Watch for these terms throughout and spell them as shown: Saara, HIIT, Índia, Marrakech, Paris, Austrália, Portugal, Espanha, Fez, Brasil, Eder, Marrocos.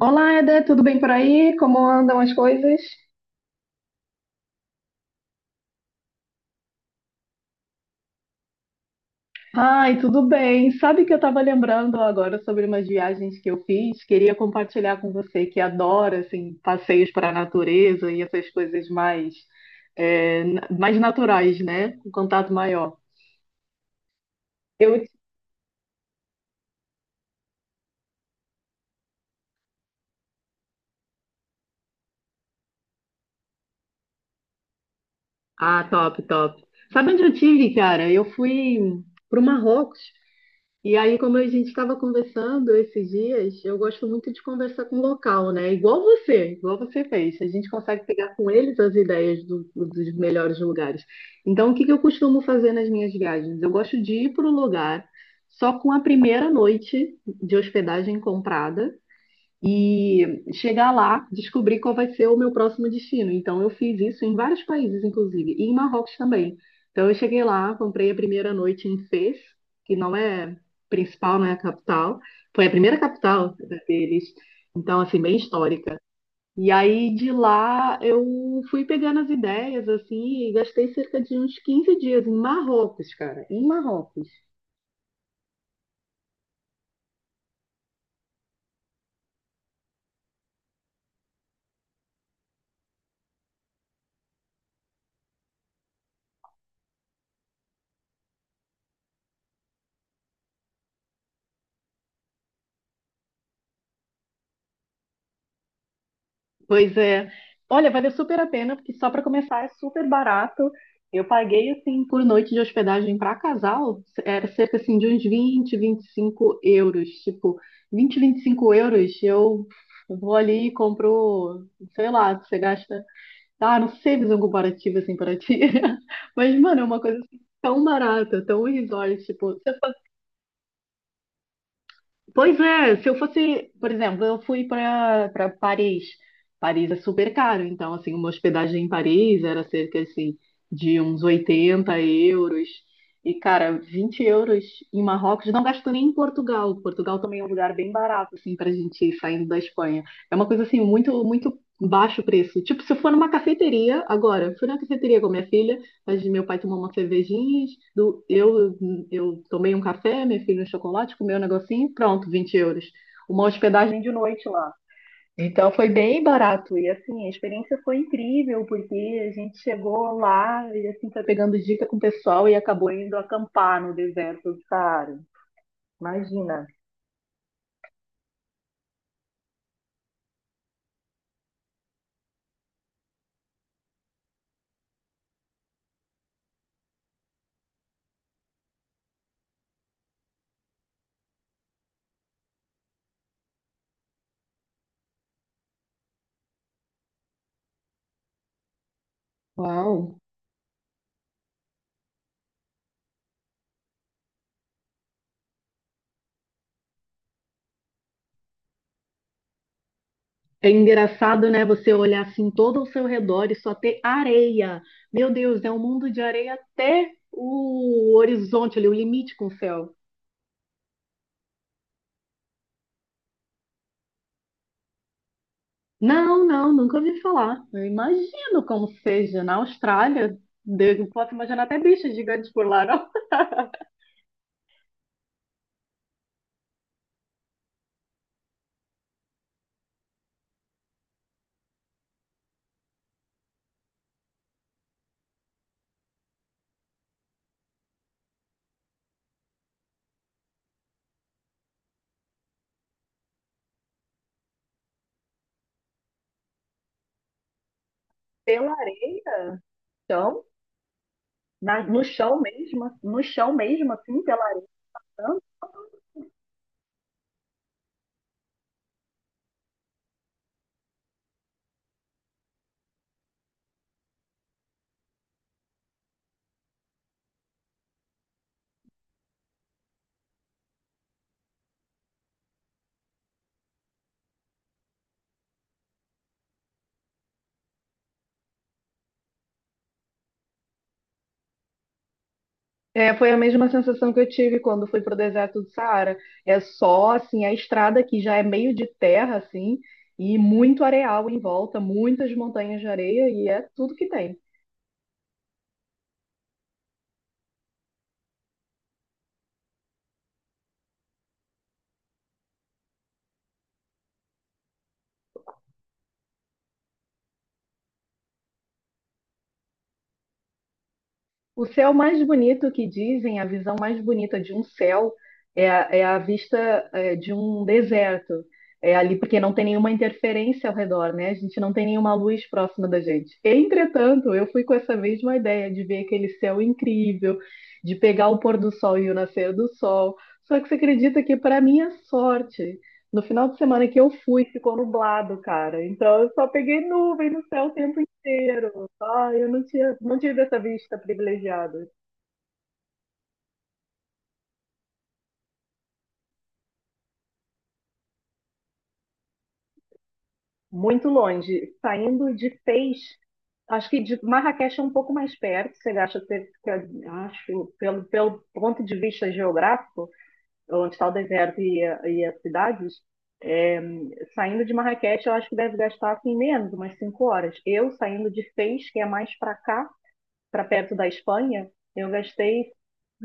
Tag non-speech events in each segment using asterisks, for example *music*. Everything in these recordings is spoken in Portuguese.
Olá, Eder, tudo bem por aí? Como andam as coisas? Ai, tudo bem. Sabe que eu estava lembrando agora sobre umas viagens que eu fiz? Queria compartilhar com você que adora assim, passeios para a natureza e essas coisas mais, mais naturais, né? Com contato maior. Eu... Ah, top, top. Sabe onde eu tive, cara? Eu fui para o Marrocos. E aí, como a gente estava conversando esses dias, eu gosto muito de conversar com local, né? Igual você fez. A gente consegue pegar com eles as ideias dos melhores lugares. Então, o que que eu costumo fazer nas minhas viagens? Eu gosto de ir para o lugar só com a primeira noite de hospedagem comprada e chegar lá, descobrir qual vai ser o meu próximo destino. Então, eu fiz isso em vários países, inclusive, e em Marrocos também. Então, eu cheguei lá, comprei a primeira noite em Fez, que não é principal, não é a capital. Foi a primeira capital, né, deles, então, assim, bem histórica. E aí, de lá, eu fui pegando as ideias, assim, e gastei cerca de uns 15 dias em Marrocos, cara, em Marrocos. Pois é. Olha, valeu super a pena, porque só para começar é super barato. Eu paguei, assim, por noite de hospedagem para casal, era cerca, assim, de uns 20-25 euros. Tipo, vinte vinte e cinco euros, eu vou ali e compro, sei lá, você gasta... Ah, não sei fazer um comparativo, assim, para ti. *laughs* Mas, mano, é uma coisa, assim, tão barata, tão resort, tipo... Pois é, se eu fosse, por exemplo, eu fui para Paris. Paris é super caro, então assim, uma hospedagem em Paris era cerca assim de uns 80 euros. E cara, 20 euros em Marrocos, não gasto nem em Portugal. Portugal também é um lugar bem barato assim pra gente ir saindo da Espanha. É uma coisa assim muito muito baixo o preço. Tipo, se eu for numa cafeteria agora, eu fui na cafeteria com minha filha, mas meu pai tomou uma cervejinha, do, eu tomei um café, meu filho um chocolate, comeu um negocinho, pronto, 20 euros. Uma hospedagem de noite lá. Então foi bem barato e, assim, a experiência foi incrível, porque a gente chegou lá e assim foi pegando dica com o pessoal e acabou indo acampar no deserto do Saara. Imagina. Uau! É engraçado, né? Você olhar assim todo ao seu redor e só ter areia. Meu Deus, é um mundo de areia até o horizonte ali, o limite com o céu. Não, não, nunca ouvi falar. Eu imagino como seja na Austrália. Deus, eu posso imaginar até bichos gigantes por lá, não? Pela areia, então, no chão mesmo, no chão mesmo, assim, pela areia. É, foi a mesma sensação que eu tive quando fui para o deserto do Saara. É só assim a estrada que já é meio de terra assim e muito areal em volta, muitas montanhas de areia e é tudo que tem. O céu mais bonito, que dizem, a visão mais bonita de um céu é a, é a vista, é, de um deserto. É ali porque não tem nenhuma interferência ao redor, né? A gente não tem nenhuma luz próxima da gente. Entretanto, eu fui com essa mesma ideia de ver aquele céu incrível, de pegar o pôr do sol e o nascer do sol. Só que você acredita que, para minha sorte, no final de semana que eu fui, ficou nublado, cara. Então eu só peguei nuvem no céu o tempo inteiro. Ah, eu não tinha, não tive essa vista privilegiada. Muito longe. Saindo de Fez, acho que de Marrakech é um pouco mais perto. Você acha que fica, acho, pelo, pelo ponto de vista geográfico, onde está o deserto e, e as cidades, é, saindo de Marrakech, eu acho que deve gastar assim, menos, umas 5 horas. Eu, saindo de Fez, que é mais para cá, para perto da Espanha, eu gastei.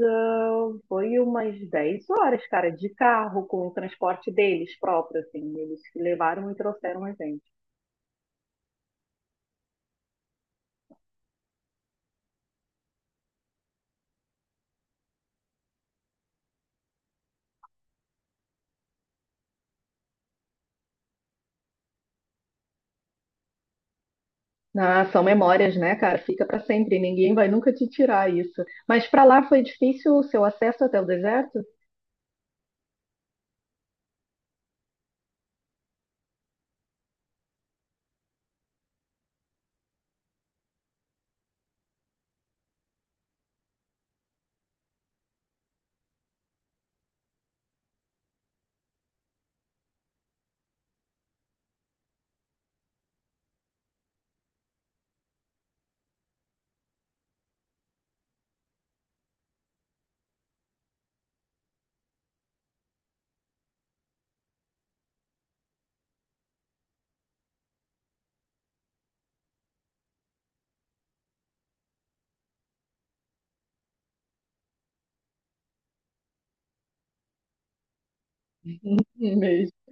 Ah, foi umas 10 horas, cara, de carro, com o transporte deles próprio, assim. Eles levaram e trouxeram a gente. Ah, são memórias, né, cara? Fica pra sempre. Ninguém vai nunca te tirar isso. Mas pra lá foi difícil o seu acesso até o deserto? *laughs* Mesmo.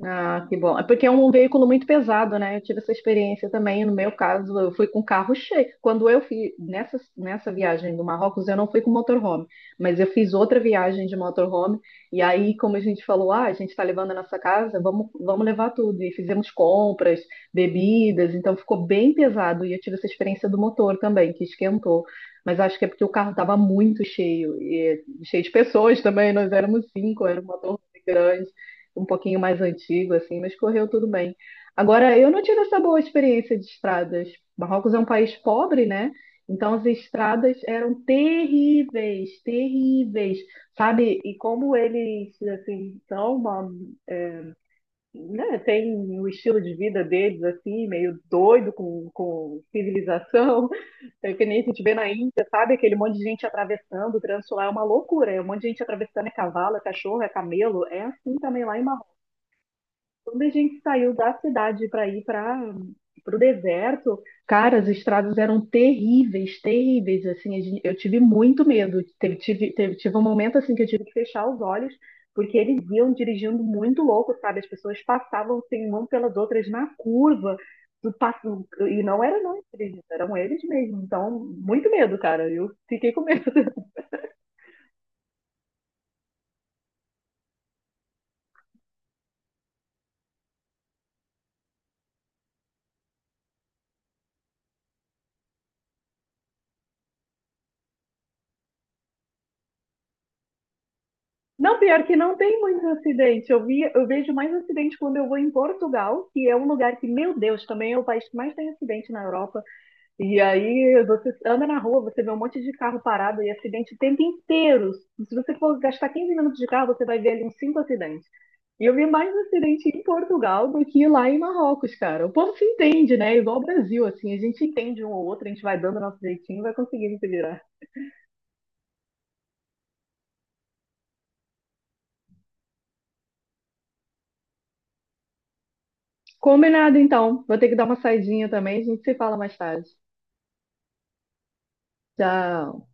Ah, que bom. É porque é um veículo muito pesado, né? Eu tive essa experiência também. No meu caso, eu fui com carro cheio. Quando eu fiz nessa, nessa viagem do Marrocos, eu não fui com motorhome, mas eu fiz outra viagem de motorhome. E aí, como a gente falou, ah, a gente está levando a nossa casa, vamos levar tudo. E fizemos compras, bebidas, então ficou bem pesado. E eu tive essa experiência do motor também, que esquentou. Mas acho que é porque o carro estava muito cheio, e cheio de pessoas também. Nós éramos cinco, era um motor grande, um pouquinho mais antigo, assim, mas correu tudo bem. Agora, eu não tive essa boa experiência de estradas. Marrocos é um país pobre, né? Então as estradas eram terríveis, terríveis, sabe? E como eles assim são uma, né, tem o estilo de vida deles assim, meio doido com, civilização, *laughs* é que nem a gente vê na Índia, sabe? Aquele monte de gente atravessando, o trânsito lá é uma loucura, é um monte de gente atravessando, é cavalo, é cachorro, é camelo, é assim também lá em Marrocos. Quando a gente saiu da cidade para ir para o deserto, cara, as estradas eram terríveis, terríveis, assim, eu tive muito medo, tive um momento, assim, que eu tive que fechar os olhos, porque eles iam dirigindo muito louco, sabe, as pessoas passavam, assim, uma pelas outras na curva, do passo, e não era nós que dirigindo, eram eles mesmo, então, muito medo, cara, eu fiquei com medo. Não, pior que não tem muito acidente. Eu vi, eu vejo mais acidente quando eu vou em Portugal, que é um lugar que, meu Deus, também é o país que mais tem acidente na Europa. E aí você anda na rua, você vê um monte de carro parado e acidente o tempo inteiro. Se você for gastar 15 minutos de carro, você vai ver ali uns cinco acidentes. E eu vi mais acidente em Portugal do que lá em Marrocos, cara. O povo se entende, né? Igual o Brasil, assim, a gente entende um ou outro, a gente vai dando nosso jeitinho e vai conseguindo se virar. Combinado, então. Vou ter que dar uma saidinha também, a gente se fala mais tarde. Tchau.